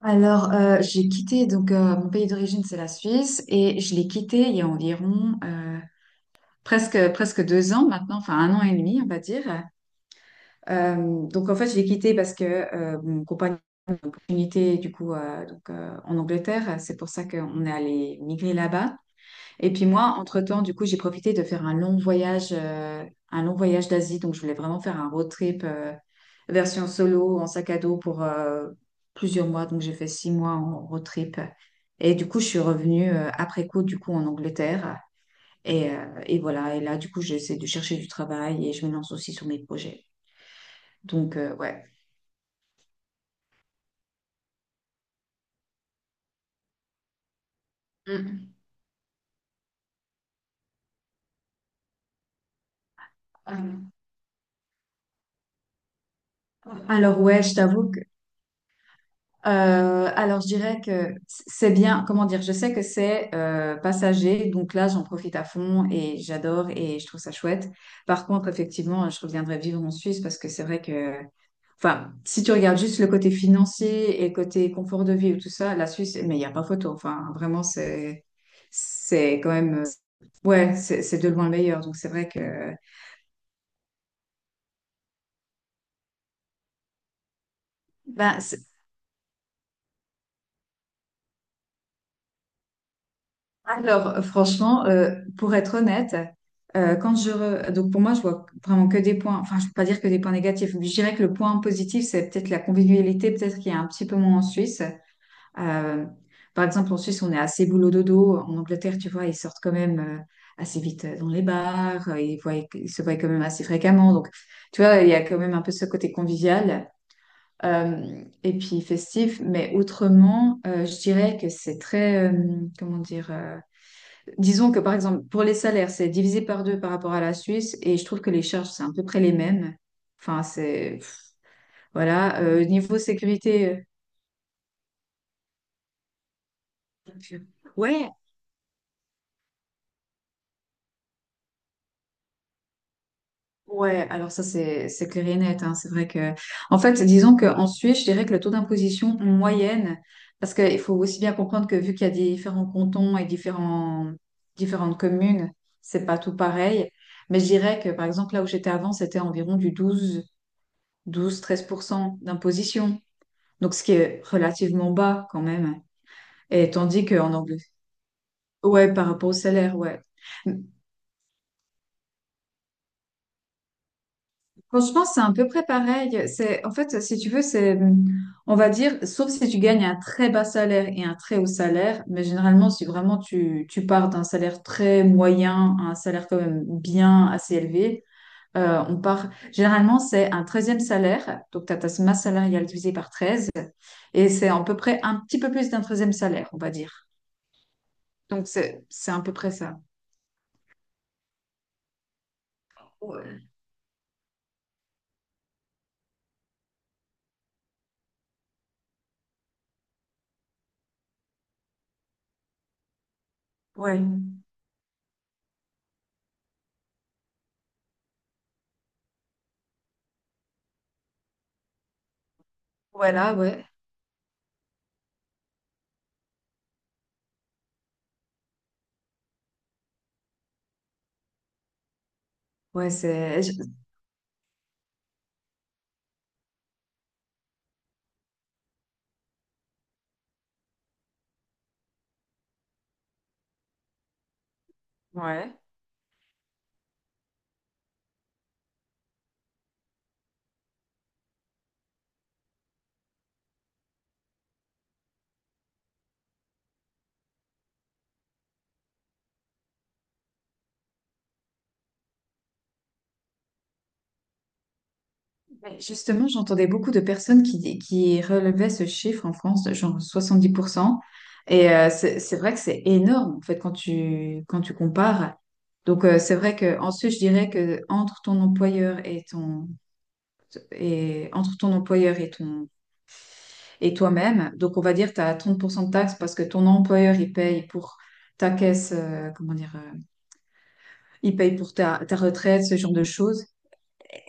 Alors, j'ai quitté, donc mon pays d'origine, c'est la Suisse, et je l'ai quitté il y a environ presque 2 ans maintenant, enfin un an et demi, on va dire. Donc, en fait, je l'ai quitté parce que mon compagnon a une opportunité, du coup, donc, en Angleterre, c'est pour ça qu'on est allé migrer là-bas. Et puis moi, entre-temps, du coup, j'ai profité de faire un long voyage, d'Asie. Donc, je voulais vraiment faire un road trip version solo, en sac à dos pour plusieurs mois. Donc, j'ai fait 6 mois en road trip. Et du coup, je suis revenue après coup, du coup, en Angleterre. Et voilà. Et là, du coup, j'essaie de chercher du travail et je me lance aussi sur mes projets. Donc, ouais. Mm. Ah, alors, ouais, je t'avoue que, alors, je dirais que c'est bien, comment dire, je sais que c'est passager, donc là, j'en profite à fond et j'adore et je trouve ça chouette. Par contre, effectivement, je reviendrai vivre en Suisse parce que c'est vrai que, enfin, si tu regardes juste le côté financier et le côté confort de vie ou tout ça, la Suisse, mais il n'y a pas photo. Enfin, vraiment, c'est quand même, ouais, c'est de loin le meilleur. Donc, c'est vrai que, ben, alors, franchement, pour être honnête, donc pour moi, je vois vraiment que des points. Enfin, je peux pas dire que des points négatifs. Je dirais que le point positif, c'est peut-être la convivialité, peut-être qu'il y a un petit peu moins en Suisse. Euh, par exemple, en Suisse, on est assez boulot dodo. En Angleterre, tu vois, ils sortent quand même assez vite dans les bars. Ils se voient quand même assez fréquemment. Donc, tu vois, il y a quand même un peu ce côté convivial euh, et puis festif. Mais autrement, je dirais que c'est très, comment dire. Disons que par exemple, pour les salaires, c'est divisé par deux par rapport à la Suisse et je trouve que les charges, c'est à peu près les mêmes. Enfin, c'est... Voilà. Niveau sécurité... euh, Ouais, ouais, alors ça, c'est clair et net. Hein. C'est vrai que... En fait, disons qu'en Suisse, je dirais que le taux d'imposition moyenne, parce qu'il faut aussi bien comprendre que vu qu'il y a différents cantons et différents... différentes communes, c'est pas tout pareil. Mais je dirais que par exemple, là où j'étais avant, c'était environ du douze treize pour cent d'imposition. Donc, ce qui est relativement bas quand même. Et tandis qu'en anglais, ouais, par rapport au salaire, ouais. Franchement, c'est à peu près pareil. C'est, en fait, si tu veux, c'est, on va dire, sauf si tu gagnes un très bas salaire et un très haut salaire, mais généralement, si vraiment tu pars d'un salaire très moyen à un salaire quand même bien assez élevé, on part, généralement, c'est un treizième salaire, donc tu as ta masse salariale divisée par 13, et c'est à peu près un petit peu plus d'un treizième salaire, on va dire. Donc, c'est à peu près ça. Ouais. Ouais. Voilà, ouais. Ouais, c'est... Ouais. Mais justement, j'entendais beaucoup de personnes qui relevaient ce chiffre en France, de genre 70 %. Et c'est vrai que c'est énorme, en fait, quand tu compares. Donc, c'est vrai que ensuite, je dirais que entre ton employeur et ton... Et entre ton employeur et ton... et toi-même, donc on va dire que tu as 30 % de taxes parce que ton employeur, il paye pour ta caisse, comment dire, il paye pour ta retraite, ce genre de choses.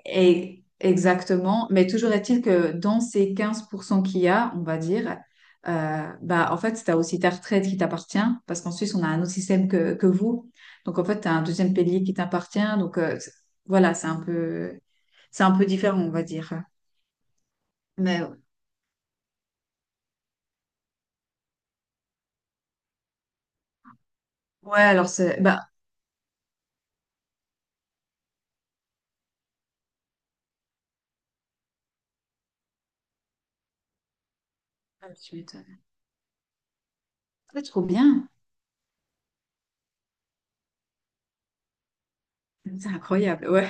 Et exactement, mais toujours est-il que dans ces 15 % qu'il y a, on va dire, bah, en fait, tu as aussi ta retraite qui t'appartient, parce qu'en Suisse, on a un autre système que vous. Donc, en fait, tu as un deuxième pilier qui t'appartient. Donc, voilà, c'est un peu différent, on va dire. Mais ouais, alors c'est... Bah, ah, tu m'étonnes. Ouais, trop bien. C'est incroyable, ouais.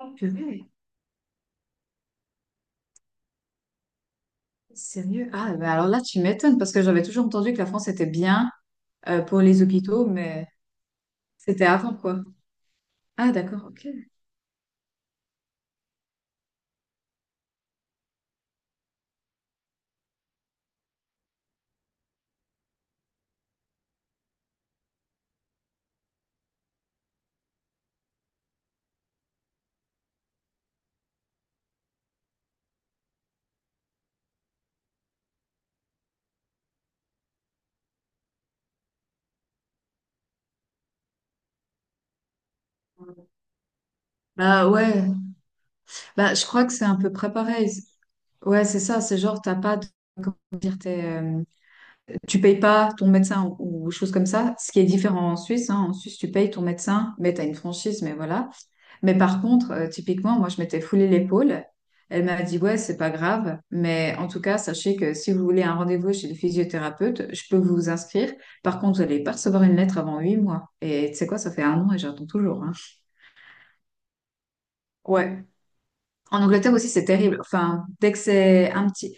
Oh, purée. Sérieux? Ah, bah alors là, tu m'étonnes, parce que j'avais toujours entendu que la France était bien pour les hôpitaux, mais c'était avant, quoi. Ah, d'accord, ok. Bah ouais, bah, je crois que c'est à peu près pareil. Ouais, c'est ça, c'est genre, t'as pas de- comment dire, t'es, tu payes pas ton médecin ou choses comme ça, ce qui est différent en Suisse. Hein. En Suisse, tu payes ton médecin, mais tu as une franchise, mais voilà. Mais par contre, typiquement, moi, je m'étais foulé l'épaule. Elle m'a dit, ouais, c'est pas grave, mais en tout cas, sachez que si vous voulez un rendez-vous chez le physiothérapeute, je peux vous inscrire. Par contre, vous allez pas recevoir une lettre avant 8 mois. Et tu sais quoi, ça fait un an et j'attends toujours. Hein. Ouais. En Angleterre aussi, c'est terrible. Enfin, dès que c'est un petit,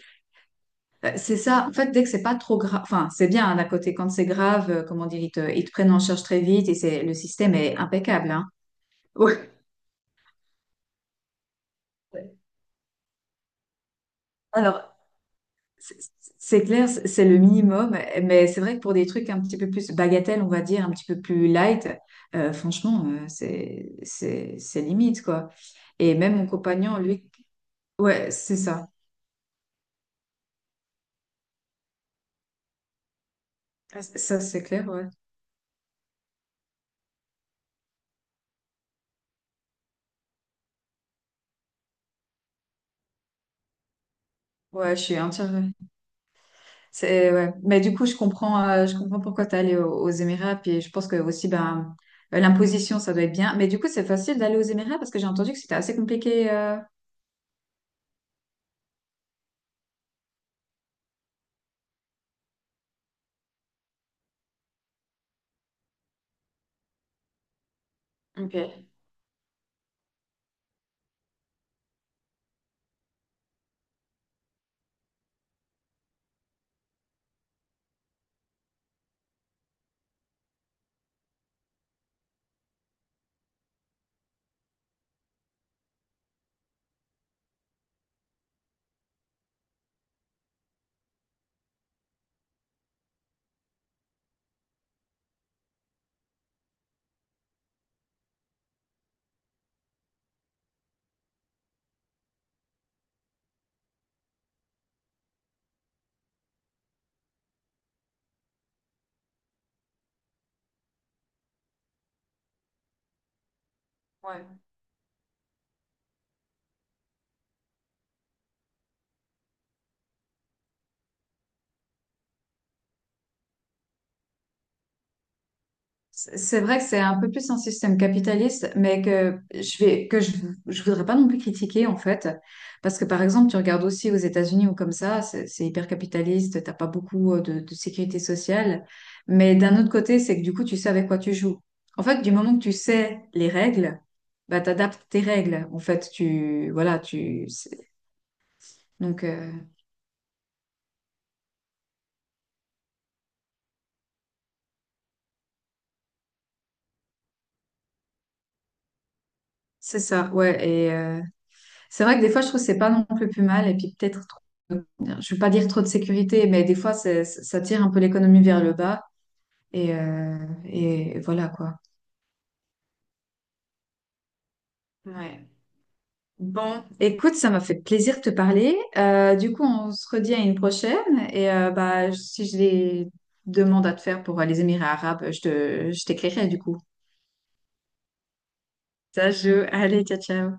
c'est ça. En fait, dès que c'est pas trop grave, enfin, c'est bien hein, d'un côté. Quand c'est grave, comment dire, ils te prennent en charge très vite et c'est le système est impeccable. Hein. Ouais. C'est c'est clair, c'est le minimum. Mais c'est vrai que pour des trucs un petit peu plus bagatelles, on va dire, un petit peu plus light, franchement, c'est limite quoi. Et même mon compagnon, lui, ouais, c'est ça. Ça, c'est clair. Ouais, ouais, je suis entière. C'est, ouais. Mais du coup, je comprends pourquoi tu es allé aux Émirats. Puis je pense que aussi, ben, l'imposition, ça doit être bien. Mais du coup, c'est facile d'aller aux Émirats parce que j'ai entendu que c'était assez compliqué. Ok, ouais. C'est vrai que c'est un peu plus un système capitaliste, mais que je voudrais pas non plus critiquer, en fait. Parce que, par exemple, tu regardes aussi aux États-Unis ou comme ça, c'est hyper capitaliste, t'as pas beaucoup de sécurité sociale. Mais d'un autre côté, c'est que du coup, tu sais avec quoi tu joues. En fait, du moment que tu sais les règles, bah, t'adaptes tes règles. En fait, voilà, donc, c'est ça, ouais, c'est vrai que des fois, je trouve que c'est pas non plus plus mal. Et puis peut-être, je ne veux pas dire trop de sécurité, mais des fois, ça tire un peu l'économie vers le bas. Et, euh, et voilà quoi. Ouais. Bon, écoute, ça m'a fait plaisir de te parler. Du coup, on se redit à une prochaine. Et bah, si j'ai des demandes à te faire pour les Émirats arabes, je t'écrirai du coup. Ça joue. Allez, ciao, ciao.